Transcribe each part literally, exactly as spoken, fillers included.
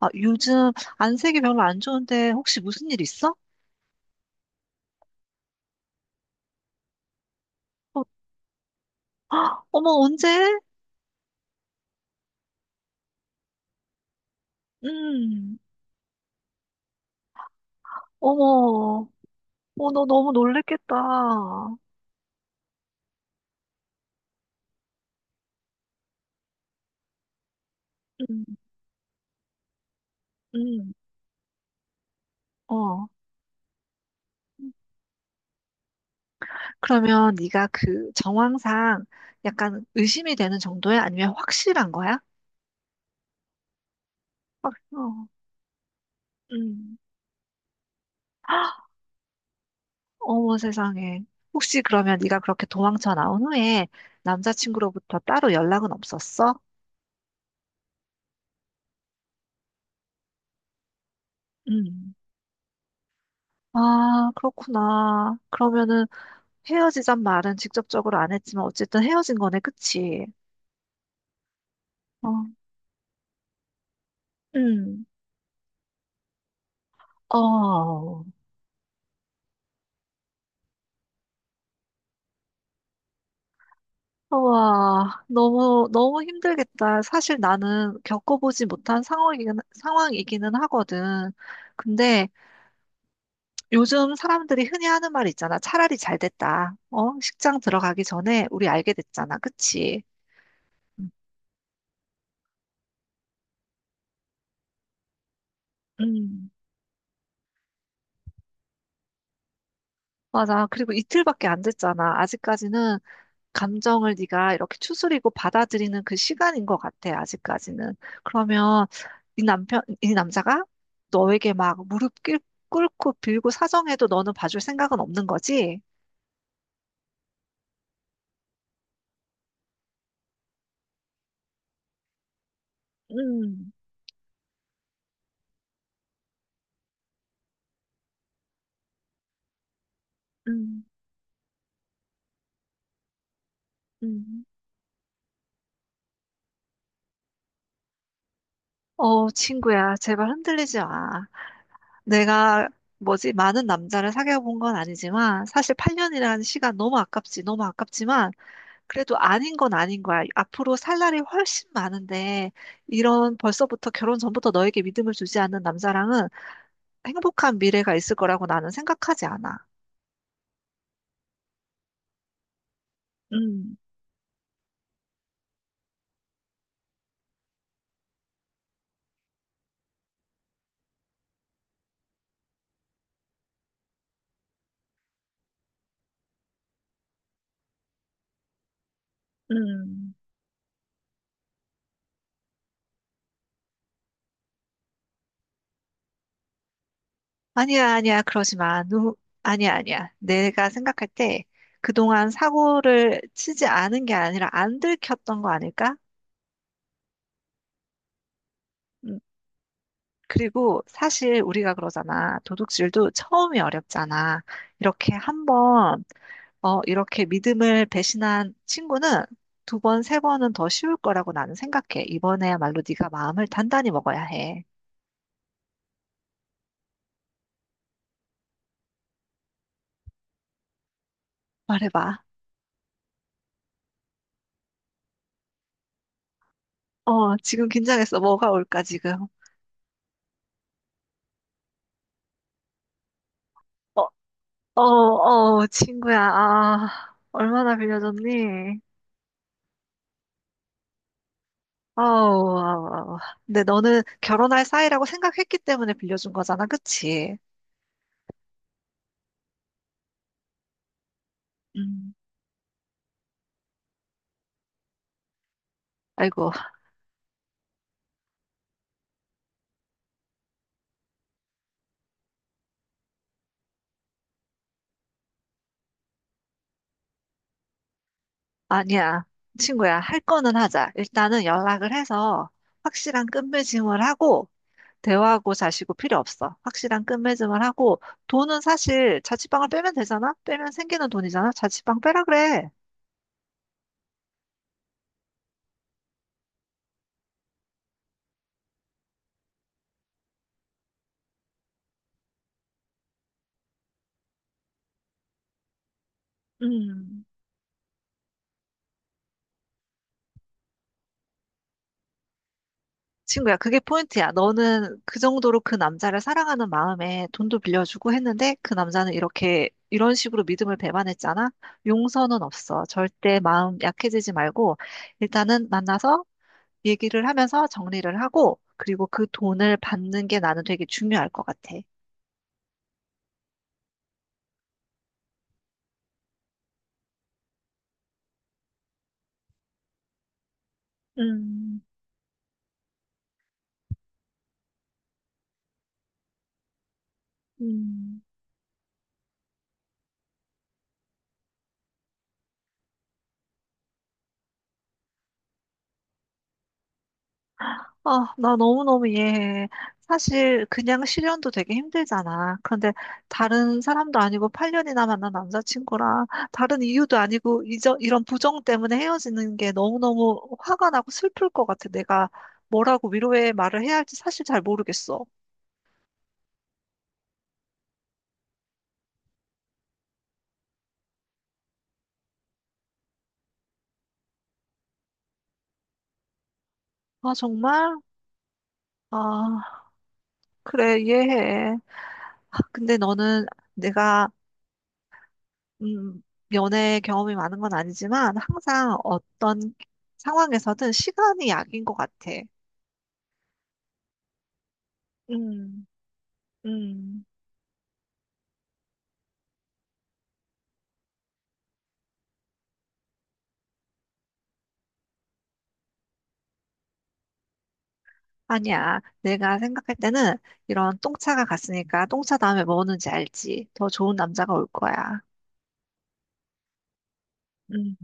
아, 요즘 안색이 별로 안 좋은데 혹시 무슨 일 있어? 어, 어머, 언제? 음, 어머, 어, 너 너무 놀랬겠다. 음, 음, 어. 그러면 네가 그 정황상 약간 의심이 되는 정도야? 아니면 확실한 거야? 확, 어, 음. 어머 세상에. 혹시 그러면 네가 그렇게 도망쳐 나온 후에 남자친구로부터 따로 연락은 없었어? 음. 아, 그렇구나. 그러면은 헤어지잔 말은 직접적으로 안 했지만 어쨌든 헤어진 거네, 그치? 어, 음. 어, 와, 너무, 너무 힘들겠다. 사실 나는 겪어보지 못한 상황이긴, 상황이기는 하거든. 근데 요즘 사람들이 흔히 하는 말 있잖아. 차라리 잘 됐다. 어? 식장 들어가기 전에 우리 알게 됐잖아. 그치? 음, 맞아. 그리고 이틀밖에 안 됐잖아. 아직까지는 감정을 네가 이렇게 추스리고 받아들이는 그 시간인 것 같아, 아직까지는. 그러면 이 남편, 이 남자가 너에게 막 무릎 꿇- 꿇고 빌고 사정해도 너는 봐줄 생각은 없는 거지? 음, 음, 음. 어, 친구야, 제발 흔들리지 마. 내가 뭐지, 많은 남자를 사귀어 본 건 아니지만, 사실 팔 년이라는 시간 너무 아깝지, 너무 아깝지만, 그래도 아닌 건 아닌 거야. 앞으로 살 날이 훨씬 많은데, 이런 벌써부터 결혼 전부터 너에게 믿음을 주지 않는 남자랑은 행복한 미래가 있을 거라고 나는 생각하지 않아. 음, 음, 아니야, 아니야, 그러지 마. 누, 아니야, 아니야. 내가 생각할 때 그동안 사고를 치지 않은 게 아니라 안 들켰던 거 아닐까? 음, 그리고 사실 우리가 그러잖아. 도둑질도 처음이 어렵잖아. 이렇게 한번 어, 이렇게 믿음을 배신한 친구는 두 번, 세 번은 더 쉬울 거라고 나는 생각해. 이번에야말로 네가 마음을 단단히 먹어야 해. 말해봐. 어, 지금 긴장했어. 뭐가 올까, 지금? 어, 어, 어, 친구야. 아, 얼마나 빌려줬니? 아우, 아우, 아우. 근데 너는 결혼할 사이라고 생각했기 때문에 빌려준 거잖아, 그치? 음, 아이고, 아니야. 친구야, 할 거는 하자. 일단은 연락을 해서 확실한 끝맺음을 하고, 대화하고 자시고 필요 없어. 확실한 끝맺음을 하고 돈은 사실 자취방을 빼면 되잖아? 빼면 생기는 돈이잖아? 자취방 빼라 그래. 음, 친구야, 그게 포인트야. 너는 그 정도로 그 남자를 사랑하는 마음에 돈도 빌려주고 했는데 그 남자는 이렇게 이런 식으로 믿음을 배반했잖아? 용서는 없어. 절대 마음 약해지지 말고 일단은 만나서 얘기를 하면서 정리를 하고 그리고 그 돈을 받는 게 나는 되게 중요할 것 같아. 음, 음. 아, 나 너무너무 이해해. 사실 그냥 실연도 되게 힘들잖아. 그런데 다른 사람도 아니고 팔 년이나 만난 남자친구랑 다른 이유도 아니고 이저, 이런 부정 때문에 헤어지는 게 너무너무 화가 나고 슬플 것 같아. 내가 뭐라고 위로의 말을 해야 할지 사실 잘 모르겠어. 아, 정말? 아, 그래, 이해해. 아, 근데 너는 내가, 음, 연애 경험이 많은 건 아니지만 항상 어떤 상황에서든 시간이 약인 것 같아. 음, 음. 아니야. 내가 생각할 때는 이런 똥차가 갔으니까 똥차 다음에 뭐 오는지 알지. 더 좋은 남자가 올 거야. 음,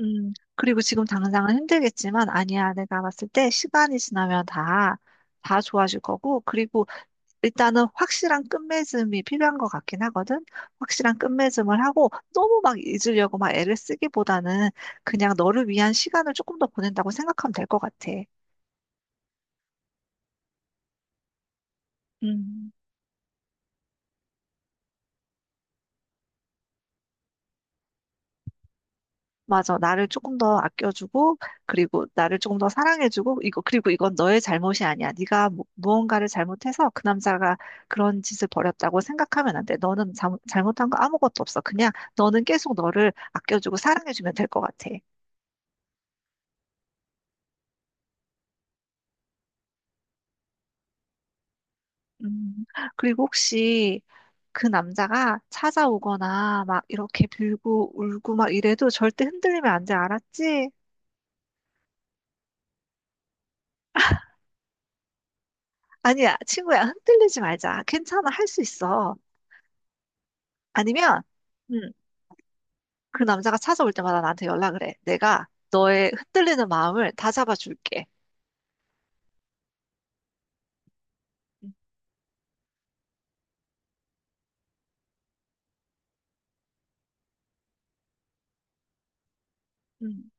음. 그리고 지금 당장은 힘들겠지만 아니야. 내가 봤을 때 시간이 지나면 다, 다 좋아질 거고. 그리고 일단은 확실한 끝맺음이 필요한 것 같긴 하거든. 확실한 끝맺음을 하고 너무 막 잊으려고 막 애를 쓰기보다는 그냥 너를 위한 시간을 조금 더 보낸다고 생각하면 될 것 같아. 음. 맞아. 나를 조금 더 아껴주고, 그리고 나를 조금 더 사랑해주고, 이거, 그리고 이건 너의 잘못이 아니야. 네가 무, 무언가를 잘못해서 그 남자가 그런 짓을 벌였다고 생각하면 안 돼. 너는 잘, 잘못한 거 아무것도 없어. 그냥 너는 계속 너를 아껴주고 사랑해주면 될 것 같아. 음, 그리고 혹시 그 남자가 찾아오거나 막 이렇게 빌고 울고 막 이래도 절대 흔들리면 안 돼. 알았지? 아니야, 친구야. 흔들리지 말자. 괜찮아. 할 수 있어. 아니면, 음, 그 남자가 찾아올 때마다 나한테 연락을 해. 내가 너의 흔들리는 마음을 다 잡아줄게. 음, 음.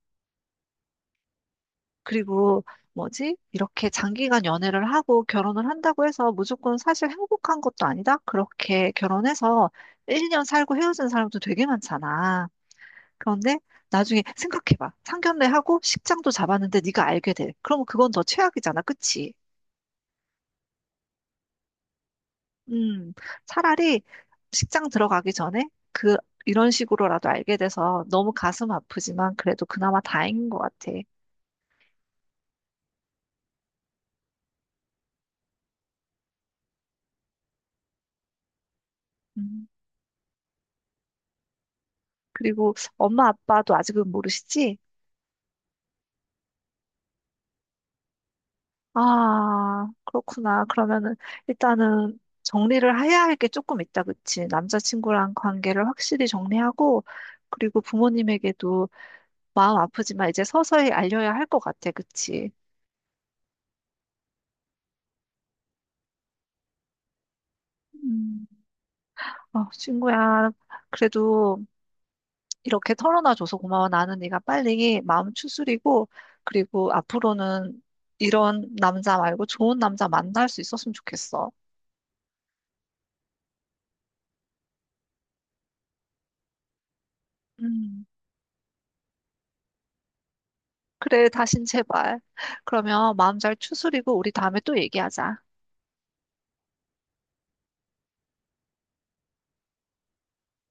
그리고 뭐지? 이렇게 장기간 연애를 하고 결혼을 한다고 해서 무조건 사실 행복한 것도 아니다. 그렇게 결혼해서 일 년 살고 헤어진 사람도 되게 많잖아. 그런데 나중에 생각해봐. 상견례하고 식장도 잡았는데 네가 알게 돼. 그러면 그건 더 최악이잖아. 그치? 음, 차라리 식장 들어가기 전에 그, 이런 식으로라도 알게 돼서 너무 가슴 아프지만 그래도 그나마 다행인 것 같아. 음, 그리고 엄마 아빠도 아직은 모르시지? 아, 그렇구나. 그러면은 일단은 정리를 해야 할 게 조금 있다, 그치? 남자친구랑 관계를 확실히 정리하고, 그리고 부모님에게도 마음 아프지만 이제 서서히 알려야 할 것 같아, 그치? 음, 아, 친구야. 그래도 이렇게 털어놔줘서 고마워. 나는 네가 빨리 마음 추스리고, 그리고 앞으로는 이런 남자 말고 좋은 남자 만날 수 있었으면 좋겠어. 음, 그래, 다신 제발. 그러면 마음 잘 추스리고 우리 다음에 또 얘기하자.